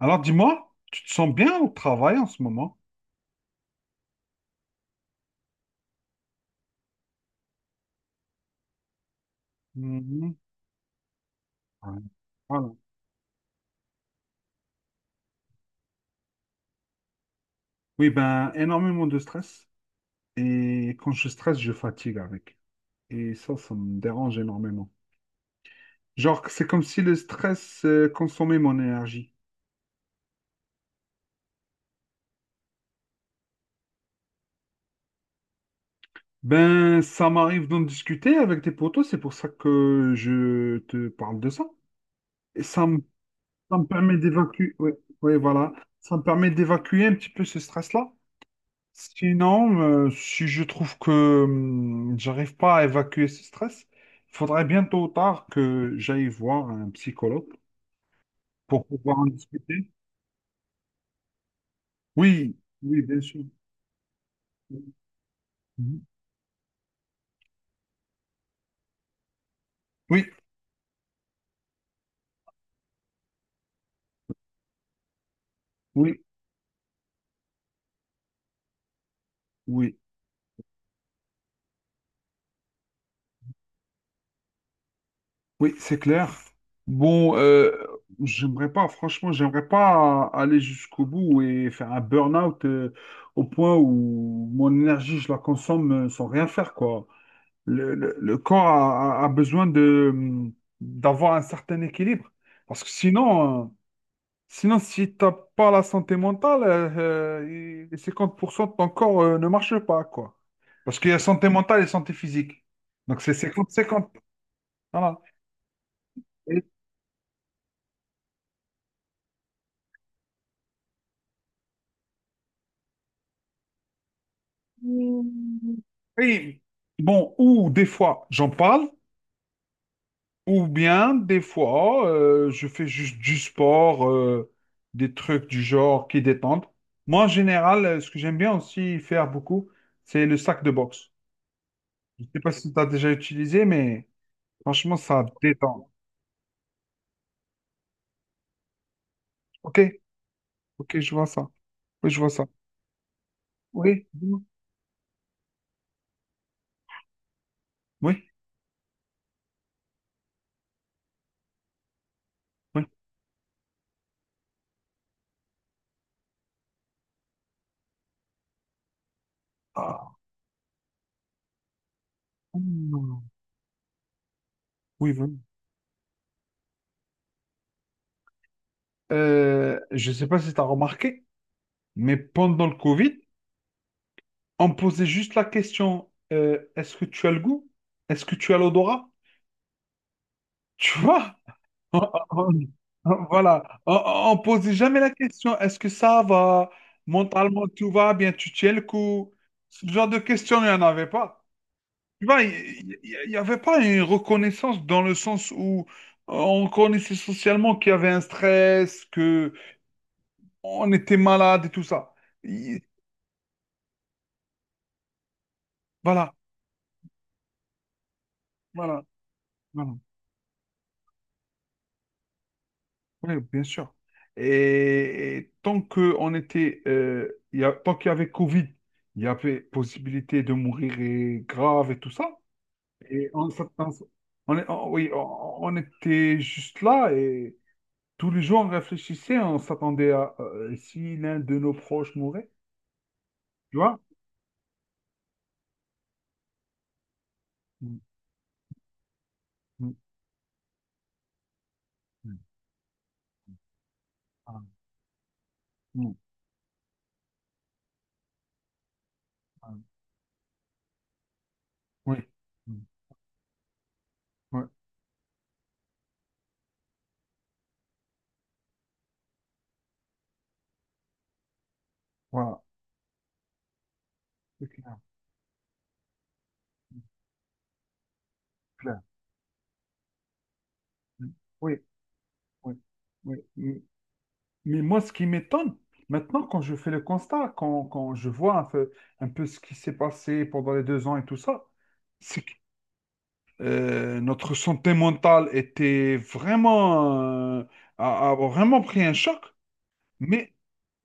Alors dis-moi, tu te sens bien au travail en ce moment? Mhm. Ouais. Voilà. Oui, ben énormément de stress. Et quand je stresse, je fatigue avec. Et ça me dérange énormément. Genre, c'est comme si le stress consommait mon énergie. Ben, ça m'arrive d'en discuter avec tes potos, c'est pour ça que je te parle de ça. Et ça me permet d'évacuer, oui, oui, voilà. Ça me permet d'évacuer un petit peu ce stress-là. Sinon, si je trouve que j'arrive pas à évacuer ce stress, il faudrait bien tôt ou tard que j'aille voir un psychologue pour pouvoir en discuter. Oui, oui, bien sûr. Mhm. Oui, oui, oui, oui, c'est clair. Bon, j'aimerais pas, franchement, j'aimerais pas aller jusqu'au bout et faire un burn-out au point où mon énergie, je la consomme sans rien faire, quoi. Le corps a besoin d'avoir un certain équilibre. Parce que sinon si t'as pas la santé mentale, les 50% de ton corps ne marche pas, quoi. Parce qu'il y a santé mentale et santé physique. Donc c'est 50/50. Voilà. Et- oui, bon, ou des fois, j'en parle. Ou bien, des fois, je fais juste du sport, des trucs du genre qui détendent. Moi, en général, ce que j'aime bien aussi faire beaucoup, c'est le sac de boxe. Je ne sais pas si tu as déjà utilisé, mais franchement, ça détend. OK, OK, je vois ça. Oui, je vois ça. Oui, oui, oui. Oui. Ah, mm, oui, oui. Je ne sais pas si tu as remarqué, mais pendant le Covid, on me posait juste la question, est-ce que tu as le goût? Est-ce que tu as l'odorat? Tu vois? Oh, voilà, oh, oh, on ne pose jamais la question, est-ce que ça va? Mentalement, tout va bien, tu tiens le coup. Ce genre de questions, il n'y en avait pas. Tu vois, il n'y avait pas une reconnaissance dans le sens où on connaissait socialement qu'il y avait un stress, que on était malade et tout ça. Il- Voilà, voilà, voilà. Oui, bien sûr. Et tant que on était, il y a, tant qu'il y avait Covid, il y avait possibilité de mourir et grave et tout ça. Et on, s'att- on, s- on est- on- oui, on était juste là et tous les jours on réfléchissait, on s'attendait à si l'un de nos proches mourait, tu vois? Mm, mm, mm. Ah, mm, ah, oui, mm, oui, voilà, c'est clair, c'est clair. Mm, oui, oui, oui. Mm. Mais moi, ce qui m'étonne maintenant, quand je fais le constat, quand je vois un peu ce qui s'est passé pendant les 2 ans et tout ça, c'est que notre santé mentale était vraiment, euh, a vraiment pris un choc, mais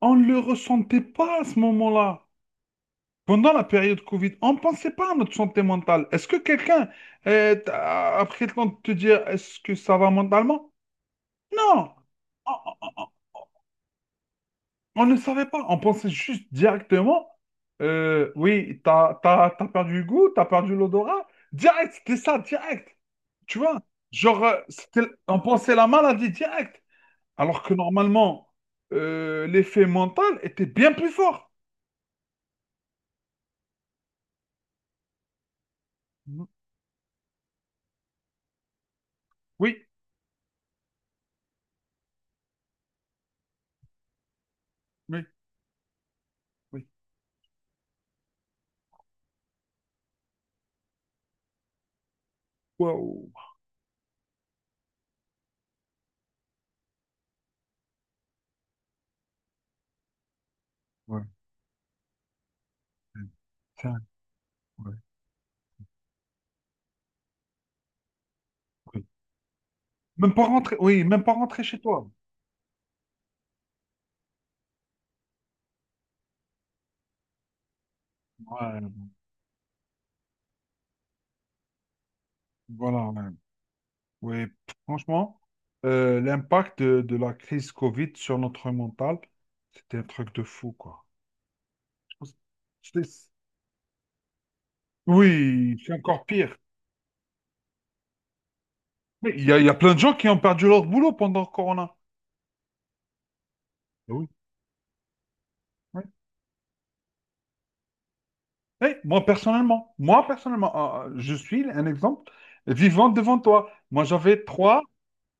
on ne le ressentait pas à ce moment-là. Pendant la période Covid, on ne pensait pas à notre santé mentale. Est-ce que quelqu'un a pris le temps de te dire est-ce que ça va mentalement? Non! On ne savait pas, on pensait juste directement, oui, t'as perdu le goût, t'as perdu l'odorat. Direct, c'était ça, direct. Tu vois? On pensait la maladie direct. Alors que normalement, l'effet mental était bien plus fort. Mhm. Oui, oui, oui. Waouh. Ouais, putain, ouais, oui. Même pas rentrer, oui, même pas rentrer chez toi. Ouais, voilà. Ouais. Oui, franchement, l'impact de la crise Covid sur notre mental, c'était un truc de fou, quoi. Je pense- c'était- Oui, c'est encore pire. Mais il y a plein de gens qui ont perdu leur boulot pendant le Corona. Ah, oui. Oui. Eh, moi, personnellement, ah, ah, je suis un exemple vivant devant toi. Moi, j'avais trois,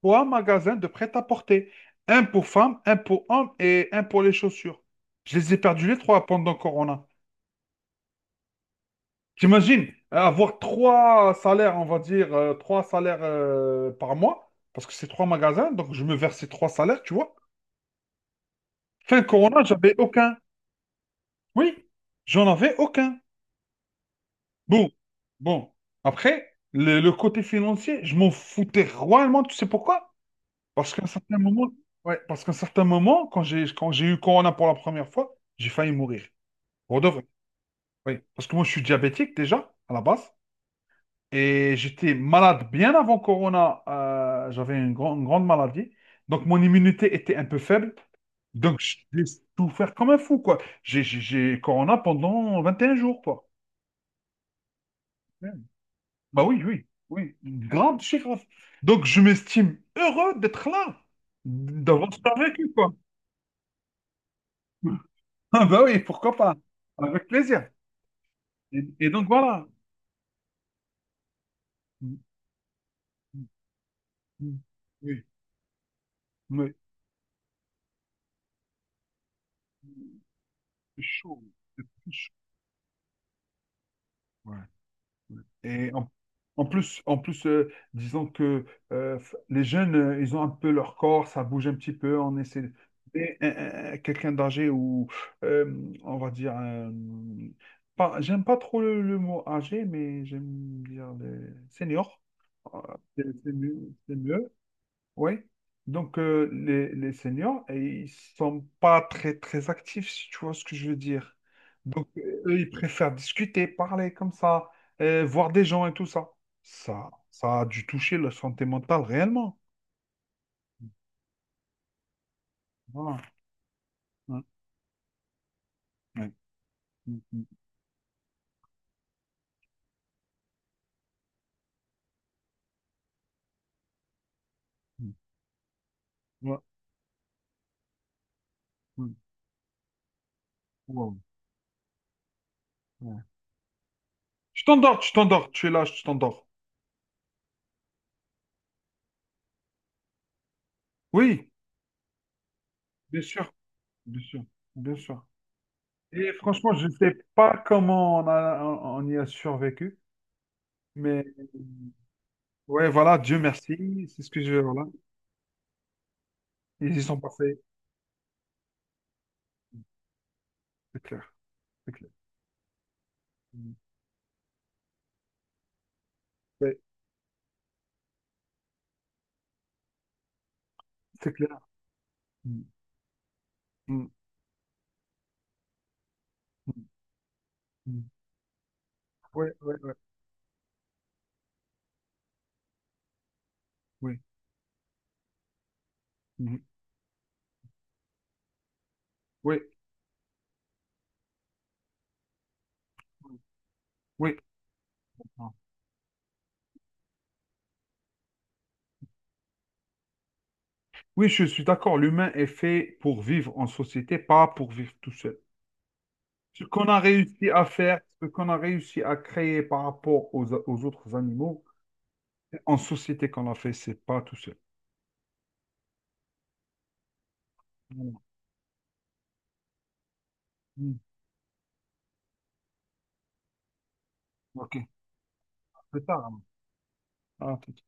trois magasins de prêt-à-porter. Un pour femmes, un pour hommes et un pour les chaussures. Je les ai perdus les trois pendant le Corona. J'imagine avoir trois salaires, on va dire, trois salaires par mois, parce que c'est trois magasins, donc je me versais trois salaires, tu vois. Fin Corona, j'avais aucun. Oui, j'en avais aucun. Bon, bon. Après, le côté financier, je m'en foutais royalement, tu sais pourquoi? Parce qu'à un certain moment, Ouais, parce qu'à un certain moment, quand j'ai eu Corona pour la première fois, j'ai failli mourir. Pour de vrai. Oui. Parce que moi, je suis diabétique déjà, à la base. Et j'étais malade bien avant Corona. J'avais une grande maladie. Donc, mon immunité était un peu faible. Donc, j'ai souffert comme un fou, quoi. J'ai Corona pendant 21 jours, quoi. Ouais. Bah oui, oui, oui. Grave, c'est grave. Donc, je m'estime heureux d'être là, d'avoir survécu, quoi. Ah bah oui, pourquoi pas? Avec plaisir. Et donc, voilà. Oui, mais c'est chaud. C'est très chaud. Ouais. Et en, en plus disons que les jeunes, ils ont un peu leur corps, ça bouge un petit peu, on essaie. Mais, quelqu'un d'âgé ou, on va dire, j'aime pas trop le mot âgé, mais j'aime dire les seniors. Euh, c'est mieux, oui. Donc, les seniors, et ils sont pas très, très actifs, si tu vois ce que je veux dire. Donc, eux, ils préfèrent discuter, parler comme ça, voir des gens et tout ça. Ça a dû toucher leur santé mentale réellement. Voilà. Ouais. Ouais. Mm, mm, mm. Ouais. Mm. Wow. Ouais. Tu t'endors, tu t'endors, tu es là, tu t'endors. Oui, bien sûr, bien sûr, bien sûr. Et franchement, je ne sais pas comment on y a survécu, mais ouais, voilà, Dieu merci, c'est ce que je voilà. Ils y sont passés, c'est clair, c'est clair. Mm. Ouais, c'est clair. Mm. Mm. Mm. Mm. Ouais, ouais, ouais, oui. Mhm. Oui, oui. Ah. Oui, je suis d'accord, l'humain est fait pour vivre en société, pas pour vivre tout seul. Ce qu'on a réussi à faire, ce qu'on a réussi à créer par rapport aux autres animaux, en société qu'on l'a fait, c'est pas tout seul. Voilà. Mm. Ok, c'est tard.